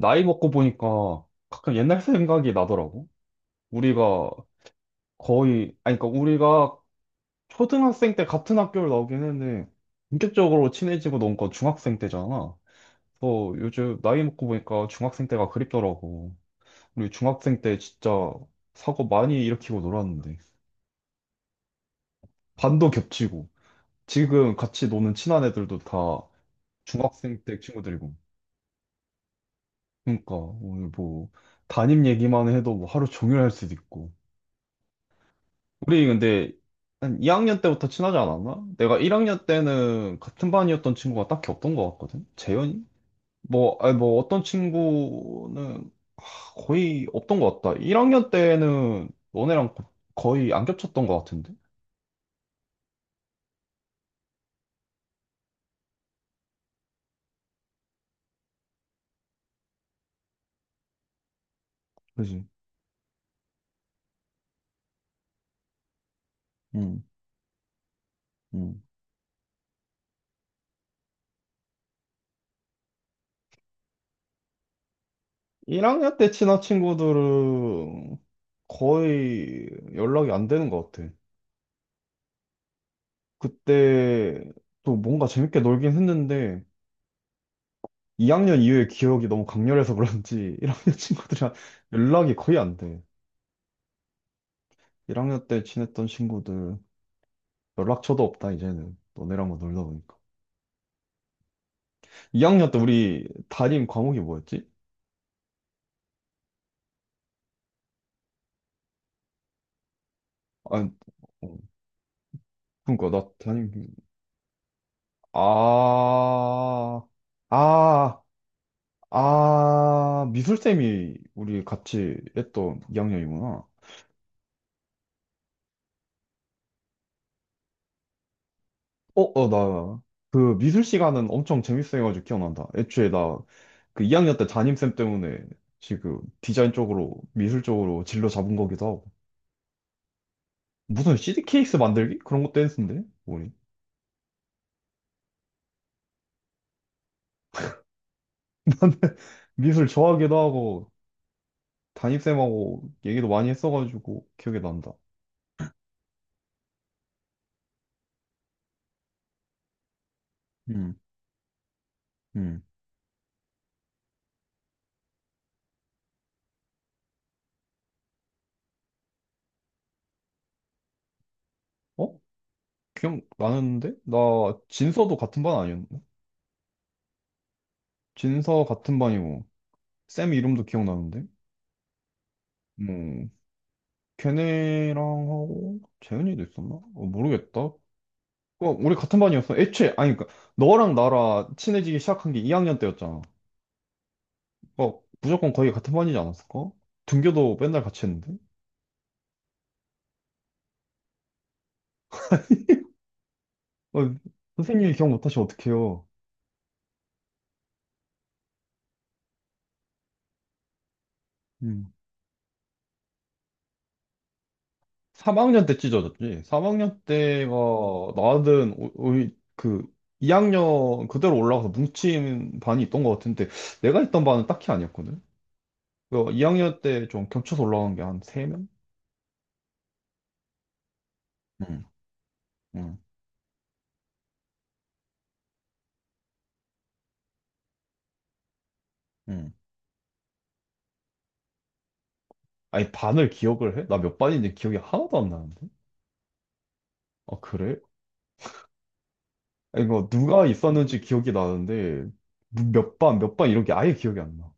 나이 먹고 보니까 가끔 옛날 생각이 나더라고. 우리가 아니, 그러니까 우리가 초등학생 때 같은 학교를 나오긴 했는데, 본격적으로 친해지고 논 건 중학생 때잖아. 그래서 요즘 나이 먹고 보니까 중학생 때가 그립더라고. 우리 중학생 때 진짜 사고 많이 일으키고 놀았는데. 반도 겹치고. 지금 같이 노는 친한 애들도 다 중학생 때 친구들이고. 그러니까 오늘 뭐 담임 얘기만 해도 뭐 하루 종일 할 수도 있고. 우리 근데 한 2학년 때부터 친하지 않았나? 내가 1학년 때는 같은 반이었던 친구가 딱히 없던 것 같거든? 재현이? 뭐, 아니 뭐 어떤 친구는 거의 없던 것 같다. 1학년 때는 너네랑 거의 안 겹쳤던 것 같은데? 그지? 응, 응. 1학년 때 친한 친구들은 거의 연락이 안 되는 것 같아. 그때 또 뭔가 재밌게 놀긴 했는데 2학년 이후의 기억이 너무 강렬해서 그런지 1학년 친구들이랑 연락이 거의 안 돼. 1학년 때 친했던 친구들 연락처도 없다 이제는 너네랑 만 놀다 보니까. 2학년 때 우리 담임 과목이 뭐였지? 아, 어, 그러니까 나 담임 아, 아, 아 미술쌤이 우리 같이 했던 2학년이구나. 어, 어, 나, 그 미술 시간은 엄청 재밌어가지고 기억난다. 애초에 그 2학년 때 담임쌤 때문에 지금 디자인 쪽으로, 미술 쪽으로 진로 잡은 거기도 하고. 무슨 CD 케이스 만들기? 그런 것도 했는데? 뭐니? 미술 좋아하기도 하고, 담임쌤하고 얘기도 많이 했어가지고 기억이 난다. 음, 음. 어? 기억나는데? 나 진서도 같은 반 아니었나? 진서 같은 반이고, 쌤 이름도 기억나는데? 걔네랑 하고 재현이도 있었나? 어, 모르겠다. 어, 우리 같은 반이었어. 애초에 아니 그러니까 너랑 나랑 친해지기 시작한 게 2학년 때였잖아. 어, 무조건 거의 같은 반이지 않았을까? 등교도 맨날 같이 했는데. 어, 선생님이 기억 못하시면 어떡해요. 음. 3학년 때 찢어졌지. 3학년 때가 우리 그 2학년 그대로 올라가서 뭉친 반이 있던 것 같은데 내가 있던 반은 딱히 아니었거든. 그 2학년 때 좀 겹쳐서 올라간 게 한 3명? 응, 응. 음. 아니, 반을 기억을 해? 나 몇 반인지 기억이 하나도 안 나는데? 아, 그래? 아니, 이 누가 있었는지 기억이 나는데, 몇 반, 몇 반 이런 게 아예 기억이 안 나.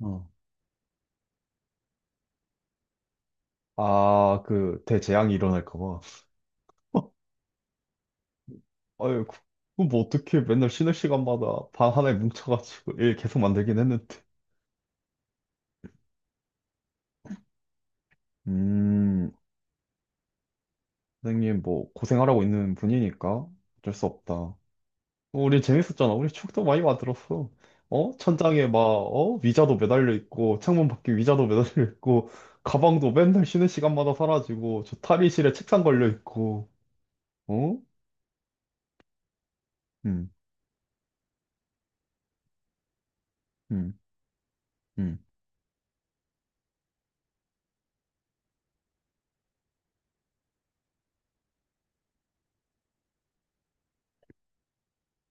어. 아, 그, 대재앙이 일어날까 봐. 아유, 그거 뭐 어떻게 맨날 쉬는 시간마다 반 하나에 뭉쳐가지고 일 계속 만들긴 했는데. 음, 선생님 뭐 고생하라고 있는 분이니까 어쩔 수 없다. 어, 우리 재밌었잖아. 우리 추억도 많이 만들었어. 어? 천장에 막, 어? 의자도 매달려 있고, 창문 밖에 의자도 매달려 있고, 가방도 맨날 쉬는 시간마다 사라지고, 저 탈의실에 책상 걸려 있고, 어? 음, 음, 음,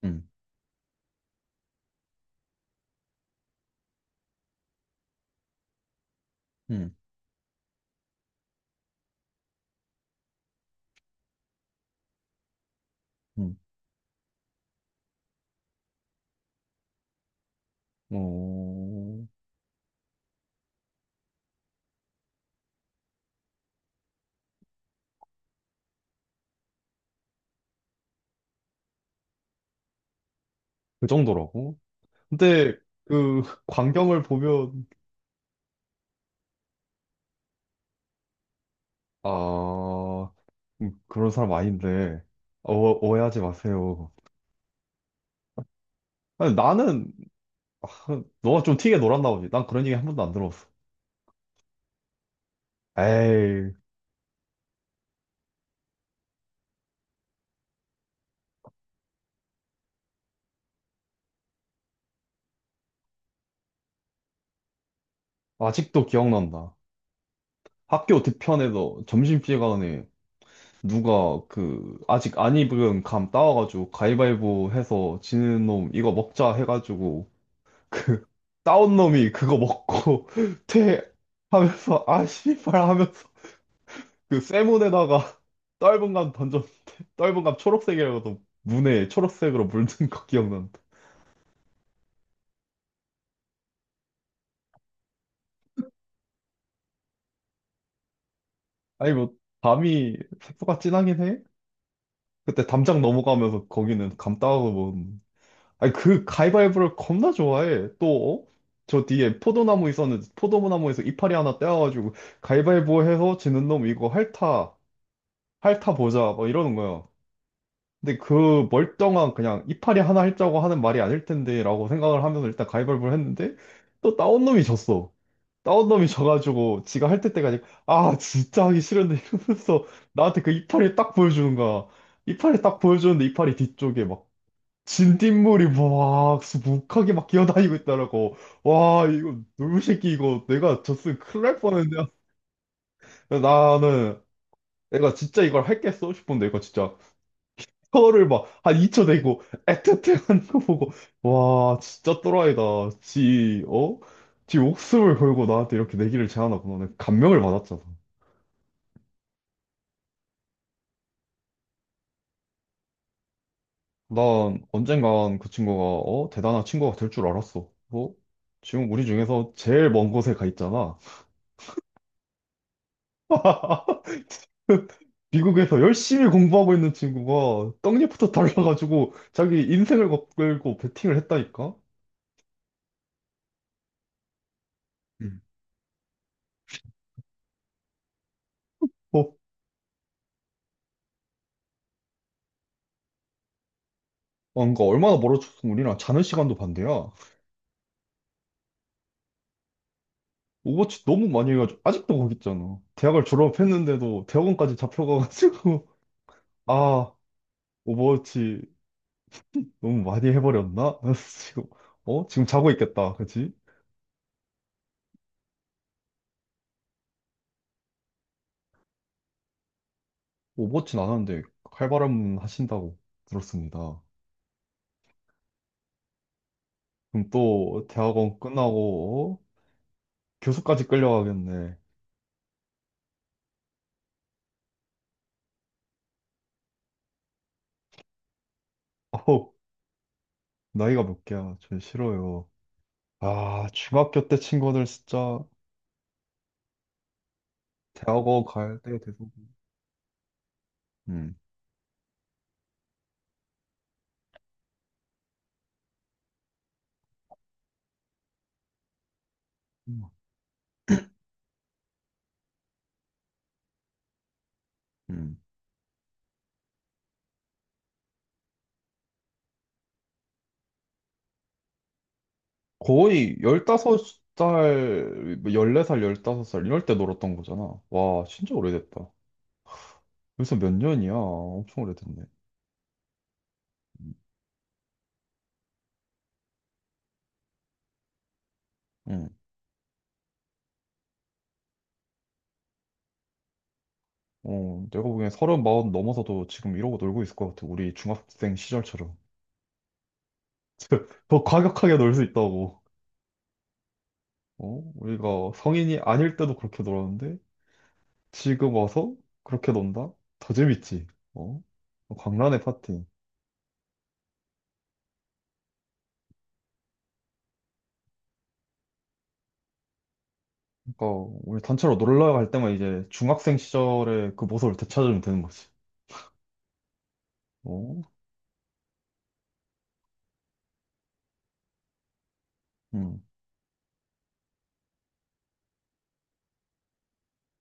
음, 음, 음. 어, 그 정도라고? 근데, 그, 광경을 보면, 아, 그런 사람 아닌데, 어, 오해하지 마세요. 아니, 너가 좀 튀게 놀았나 보지. 난 그런 얘기 한 번도 안 들었어. 에이. 아직도 기억난다. 학교 뒤편에서 점심시간에 누가 그 아직 안 입은 감 따와가지고 가위바위보 해서 지는 놈 이거 먹자 해가지고 그 따온 놈이 그거 먹고 퇴 하면서 아 씨발 하면서 그 쇠문에다가 떫은 감 던져 떫은 감 초록색이라고도 문에 초록색으로 물든 거 기억난다. 아니 뭐 감이 색소가 진하긴 해? 그때 담장 넘어가면서 거기는 감 따와서 아니, 그 가위바위보를 겁나 좋아해. 또, 어? 저 뒤에 포도나무 있었는데, 포도나무에서 이파리 하나 떼어가지고, 가위바위보 해서 지는 놈 이거 핥아, 핥아 보자, 뭐 이러는 거야. 근데 그 멀쩡한 그냥 이파리 하나 핥자고 하는 말이 아닐 텐데, 라고 생각을 하면서 일단 가위바위보를 했는데, 또 따온 놈이 졌어. 따온 놈이 져가지고, 지가 핥을 때까지, 아, 진짜 하기 싫은데 이러면서 나한테 그 이파리 딱 보여주는 거야. 이파리 딱 보여주는데, 이파리 뒤쪽에 막 진딧물이 막 수북하게 막 기어다니고 있더라고. 와, 이거 놀부 새끼 이거 내가 졌으면 큰일 날 뻔했는데. 나는 내가 진짜 이걸 했겠어 싶은데 이거 진짜 혀를 막 한 2초 내고 애틋해 하는 거 보고 와, 진짜 또라이다. 지, 어? 지 목숨을 걸고 나한테 이렇게 내기를 제안하구나. 내가 감명을 받았잖아. 난 언젠간 그 친구가 어? 대단한 친구가 될 줄 알았어. 어? 지금 우리 중에서 제일 먼 곳에 가 있잖아. 미국에서 열심히 공부하고 있는 친구가 떡잎부터 달라가지고 자기 인생을 걸고 베팅을 했다니까? 음. 어, 뭔가 얼마나 멀어졌으면 우리랑 자는 시간도 반대야. 오버워치 너무 많이 해가지고 아직도 거기 있잖아. 대학을 졸업했는데도 대학원까지 잡혀가가지고 아 오버워치 너무 많이 해버렸나? 지금 지금 자고 있겠다, 그치? 오버워치 안 하는데 칼바람 하신다고 들었습니다. 그럼 또 대학원 끝나고 교수까지 끌려가겠네. 어우, 나이가 몇 개야. 전 싫어요. 아, 중학교 때 친구들 진짜 대학원 갈 때가 돼서. 음. 음. 거의 15살, 14살, 15살 이럴 때 놀았던 거잖아. 와, 진짜 오래됐다. 벌써 몇 년이야. 엄청 오래됐네. 음. 음. 어, 내가 보기엔 30, 40 넘어서도 지금 이러고 놀고 있을 것 같아. 우리 중학생 시절처럼. 더 과격하게 놀 수 있다고. 어? 우리가 성인이 아닐 때도 그렇게 놀았는데 지금 와서 그렇게 논다? 더 재밌지. 어? 광란의 파티. 그러니까 우리 단체로 놀러 갈 때만 이제 중학생 시절의 그 모습을 되찾으면 되는 거지. 어? 음.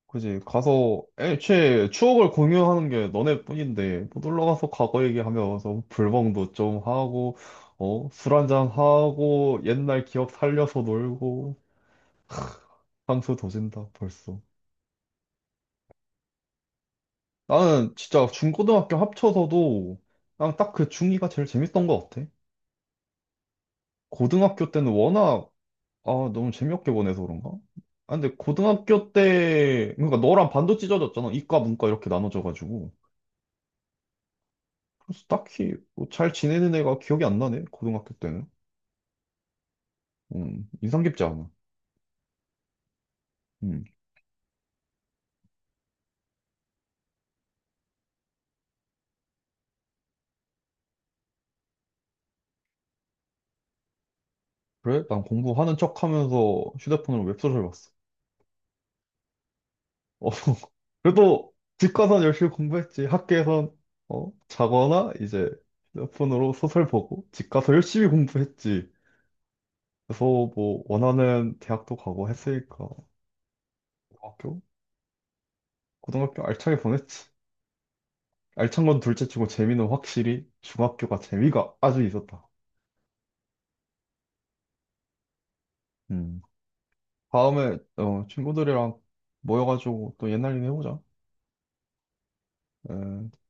그지. 가서 애초에 추억을 공유하는 게 너네뿐인데 뭐 놀러 가서 과거 얘기하면서 불멍도 좀 하고 어? 술 한잔 하고 옛날 기억 살려서 놀고 향수 도진다 벌써. 나는 진짜 중고등학교 합쳐서도 난 딱 그 중이가 제일 재밌던 것 같아. 고등학교 때는 워낙 아 너무 재미없게 보내서 그런가? 아 근데 고등학교 때 그러니까 너랑 반도 찢어졌잖아. 이과 문과 이렇게 나눠져가지고 그래서 딱히 뭐잘 지내는 애가 기억이 안 나네. 고등학교 때는 인상 깊지 않아. 음 그래 난 공부하는 척하면서 휴대폰으로 웹소설 봤어. 어. 그래도 집 가서 열심히 공부했지. 학교에선 어 자거나 이제 휴대폰으로 소설 보고 집 가서 열심히 공부했지. 그래서 뭐 원하는 대학도 가고 했으니까. 학교? 고등학교 알차게 보냈지. 알찬 건 둘째 치고 재미는 확실히 중학교가 재미가 아주 있었다. 음. 다음에 어, 친구들이랑 모여가지고 또 옛날 얘기 해보자. 에.